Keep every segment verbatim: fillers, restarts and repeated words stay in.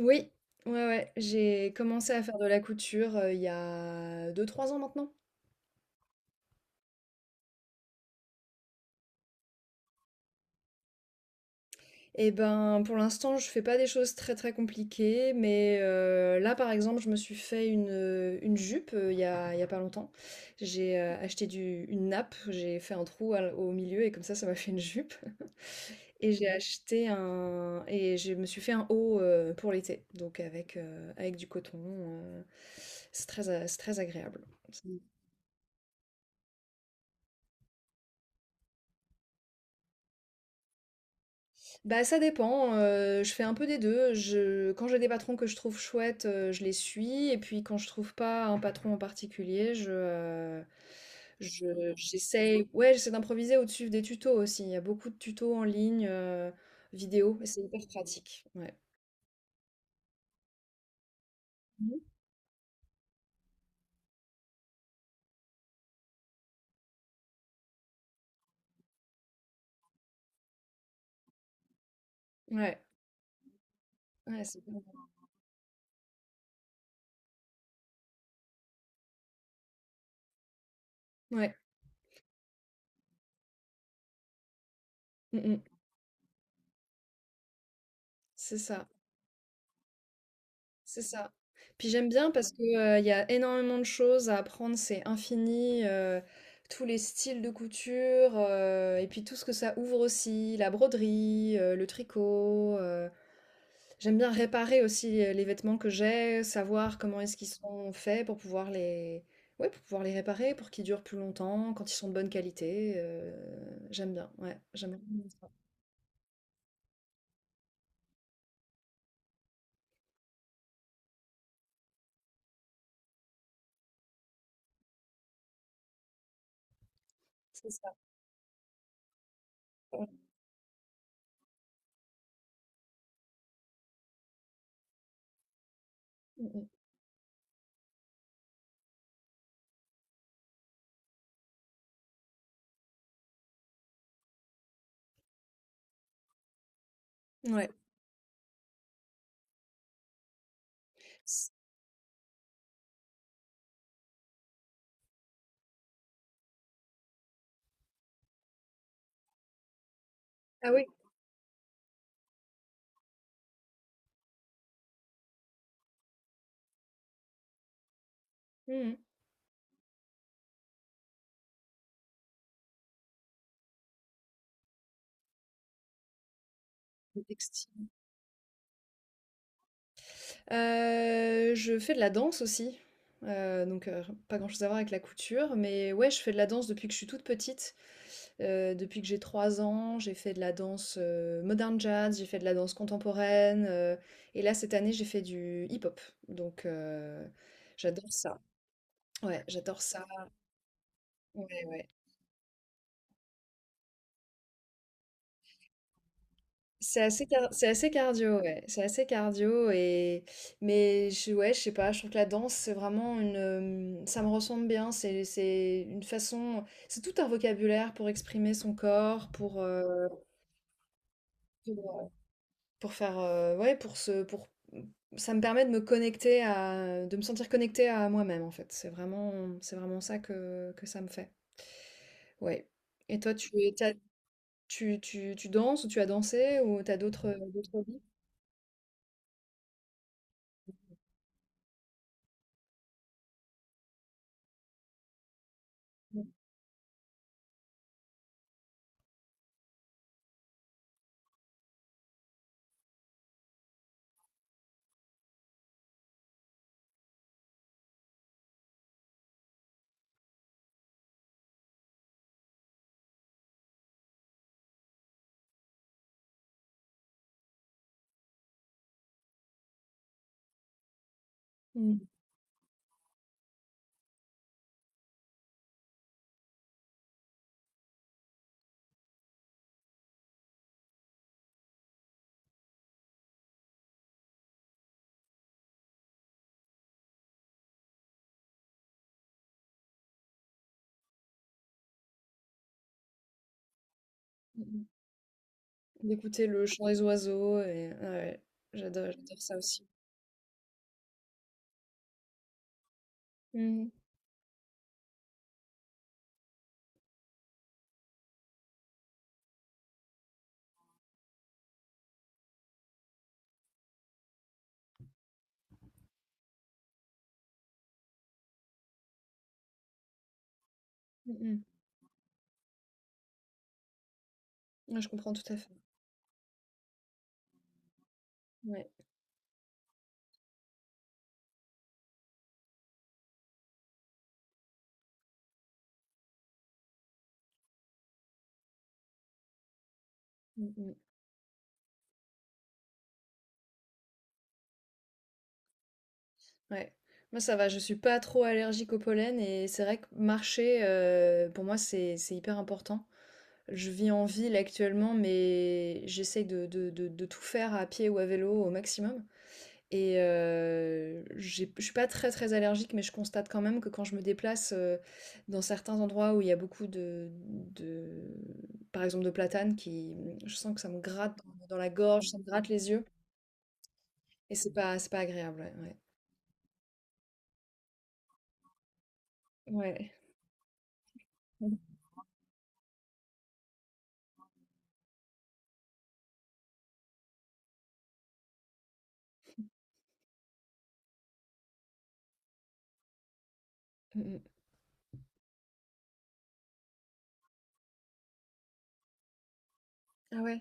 Oui, ouais, ouais, j'ai commencé à faire de la couture, heu, il y a deux, trois ans maintenant. Et ben, pour l'instant, je fais pas des choses très, très compliquées, mais heu, là, par exemple, je me suis fait une, heu, une jupe, heu, il y a il y a pas longtemps. J'ai, heu, acheté du une nappe, j'ai fait un trou à au milieu et comme ça, ça m'a fait une jupe. Et j'ai acheté un et je me suis fait un haut, heu, pour l'été, donc avec, heu, avec du coton, heu, c'est très a c'est très agréable. Bah, ça dépend, heu, je fais un peu des deux. Je Quand j'ai des patrons que je trouve chouettes, heu, je les suis et puis quand je trouve pas un patron en particulier, je, heu, je j'essaye ouais, j'essaie d'improviser au-dessus des tutos aussi. Il y a beaucoup de tutos en ligne, heu, vidéo et c'est hyper pratique. Ouais. Mmh. Ouais. Ouais, c'est vraiment ouais. Mmh mh. C'est ça. C'est ça. Puis j'aime bien parce que, heu, il y a énormément de choses à apprendre, c'est infini, heu, tous les styles de couture, heu et puis tout ce que ça ouvre aussi, la broderie, heu, le tricot, heu. J'aime bien réparer aussi, heu, les vêtements que j'ai, savoir comment est-ce qu'ils sont faits pour pouvoir les ouais, pour pouvoir les réparer, pour qu'ils durent plus longtemps, quand ils sont de bonne qualité, heu, j'aime bien, ouais, j'aime vraiment ça. C'est ça. Ouais. Mmh mh. Ouais. ah oui. Mmh mh. Le textile. Heu, je fais de la danse aussi, heu, donc heu, pas grand-chose à voir avec la couture, mais ouais, je fais de la danse depuis que je suis toute petite. Heu, depuis que j'ai trois ans, j'ai fait de la danse, heu, modern jazz, j'ai fait de la danse contemporaine, heu, et là, cette année, j'ai fait du hip-hop, donc heu, j'adore ça. Ouais, j'adore ça. Ouais, ouais. C'est assez, car- c'est assez cardio, ouais. C'est assez cardio et mais je, ouais, je sais pas. Je trouve que la danse, c'est vraiment une, euh, ça me ressemble bien. C'est, c'est une façon, c'est tout un vocabulaire pour exprimer son corps, pour, euh, pour pour faire, euh, ouais, pour se, pour, ça me permet de me connecter à, de me sentir connectée à moi-même en fait. C'est vraiment, c'est vraiment ça que que ça me fait. Ouais. Et toi, tu, t'as- tu, tu, tu danses ou tu as dansé ou t'as d'autres, d'autres hobbies? Mm. D'écouter le chant des oiseaux et ah ouais, j'adore, j'adore ça aussi. Mmh. Mmh. Ouais, je comprends tout à fait. Ouais. Mmh. Ouais. Moi, ça va, je suis pas trop allergique au pollen et c'est vrai que marcher, heu, pour moi, c'est c'est hyper important. Je vis en ville actuellement, mais j'essaye de de de de tout faire à pied ou à vélo au maximum. Et heu, j'ai je suis pas très, très allergique, mais je constate quand même que quand je me déplace, heu, dans certains endroits où il y a beaucoup de de par exemple, de platanes qui, mmh, je sens que ça me gratte dans dans la gorge, ça me gratte les yeux et c'est pas c'est pas agréable, ouais, ouais. Ouais. Mmh mh. Ah ouais?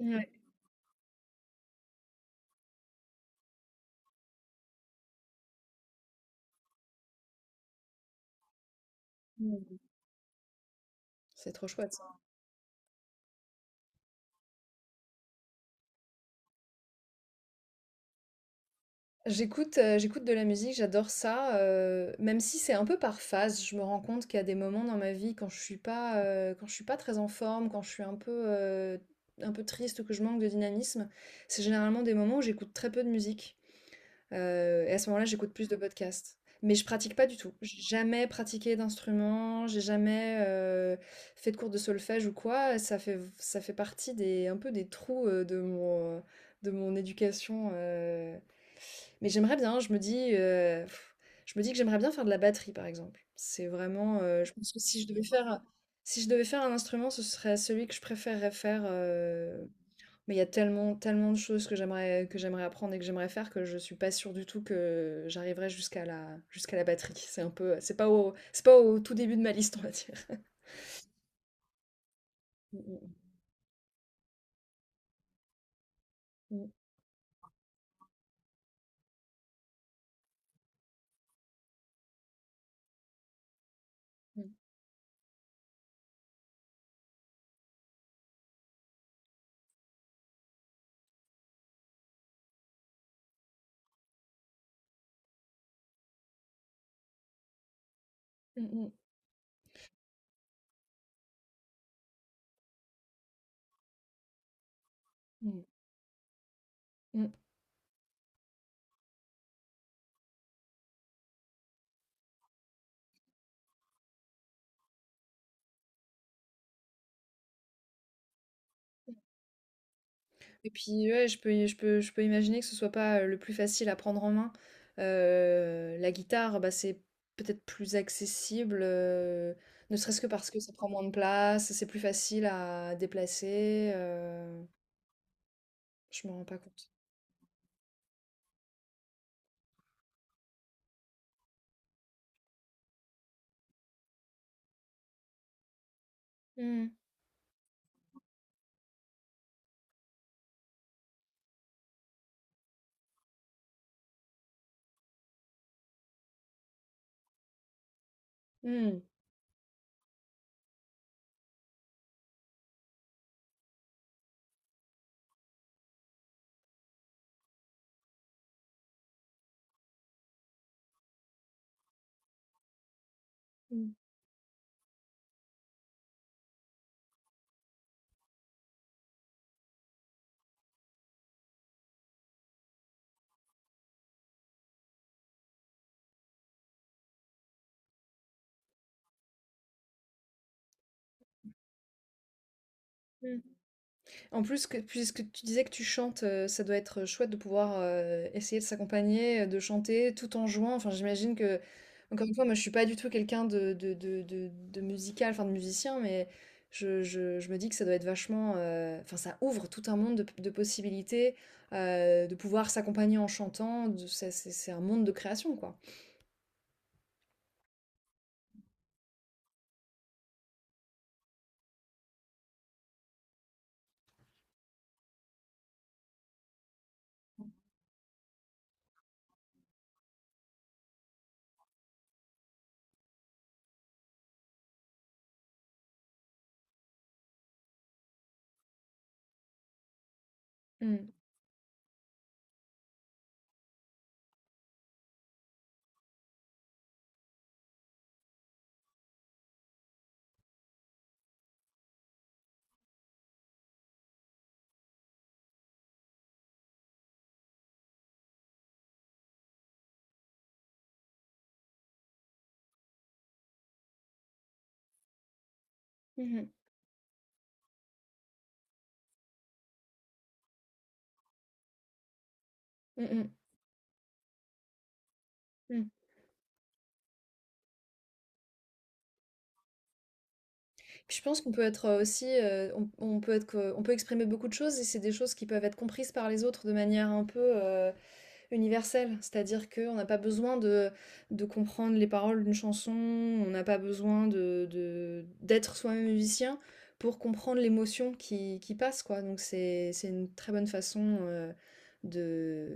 Ouais. Mmh. C'est trop chouette. J'écoute, heu, j'écoute de la musique, j'adore ça, heu, même si c'est un peu par phase. Je me rends compte qu'il y a des moments dans ma vie quand je suis pas, heu, quand je suis pas très en forme, quand je suis un peu, heu, un peu triste ou que je manque de dynamisme, c'est généralement des moments où j'écoute très peu de musique, heu et à ce moment-là, j'écoute plus de podcasts. Mais je pratique pas du tout. J'ai jamais pratiqué d'instrument, j'ai jamais, heu, fait de cours de solfège ou quoi. Ça fait ça fait partie des un peu des trous, heu, de mon, de mon éducation, heu mais j'aimerais bien, je me dis, heu, je me dis que j'aimerais bien faire de la batterie, par exemple. C'est vraiment, heu, je pense que si je devais faire si je devais faire un instrument, ce serait celui que je préférerais faire, heu, mais il y a tellement, tellement de choses que j'aimerais que j'aimerais apprendre et que j'aimerais faire que je suis pas sûre du tout que j'arriverais jusqu'à la jusqu'à la batterie. C'est un peu c'est pas au c'est pas au tout début de ma liste, on va dire. Mmh mh. Mmh. Mmh. Mmh mh. Mmh. Mmh. Et puis ouais, je peux, je peux, je peux imaginer que ce soit pas euh, le plus facile à prendre en main. Euh, la guitare, bah, c'est peut-être plus accessible, euh, ne serait-ce que parce que ça prend moins de place, c'est plus facile à déplacer. Euh, je me rends pas compte. Hmm, hmm, hmm, hmm. En plus que puisque tu disais que tu chantes, heu, ça doit être chouette de pouvoir, heu, essayer de s'accompagner, heu, de chanter tout en jouant. Enfin, j'imagine que encore une fois, moi, je suis pas du tout quelqu'un de de de de de musical, enfin de musicien, mais je je je me dis que ça doit être vachement, heu, enfin, ça ouvre tout un monde de de possibilités, heu, de pouvoir s'accompagner en chantant, de c'est c'est c'est un monde de création, quoi. Mmh. Mmh mh. Mmh. Mmh. Puis je pense qu'on peut être, heu, aussi, heu, on on peut être que on peut exprimer beaucoup de choses et c'est des choses qui peuvent être comprises par les autres de manière un peu, heu, universelle. C'est-à-dire qu'on n'a pas besoin de de comprendre les paroles d'une chanson, on n'a pas besoin de de d'être soi-même musicien pour comprendre l'émotion qui qui passe, quoi. Donc c'est c'est une très bonne façon, heu, de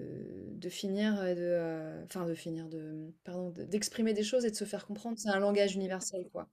de finir, heu, de, heu, enfin de finir de, pardon, de d'exprimer des choses et de se faire comprendre. C'est un langage universel, quoi.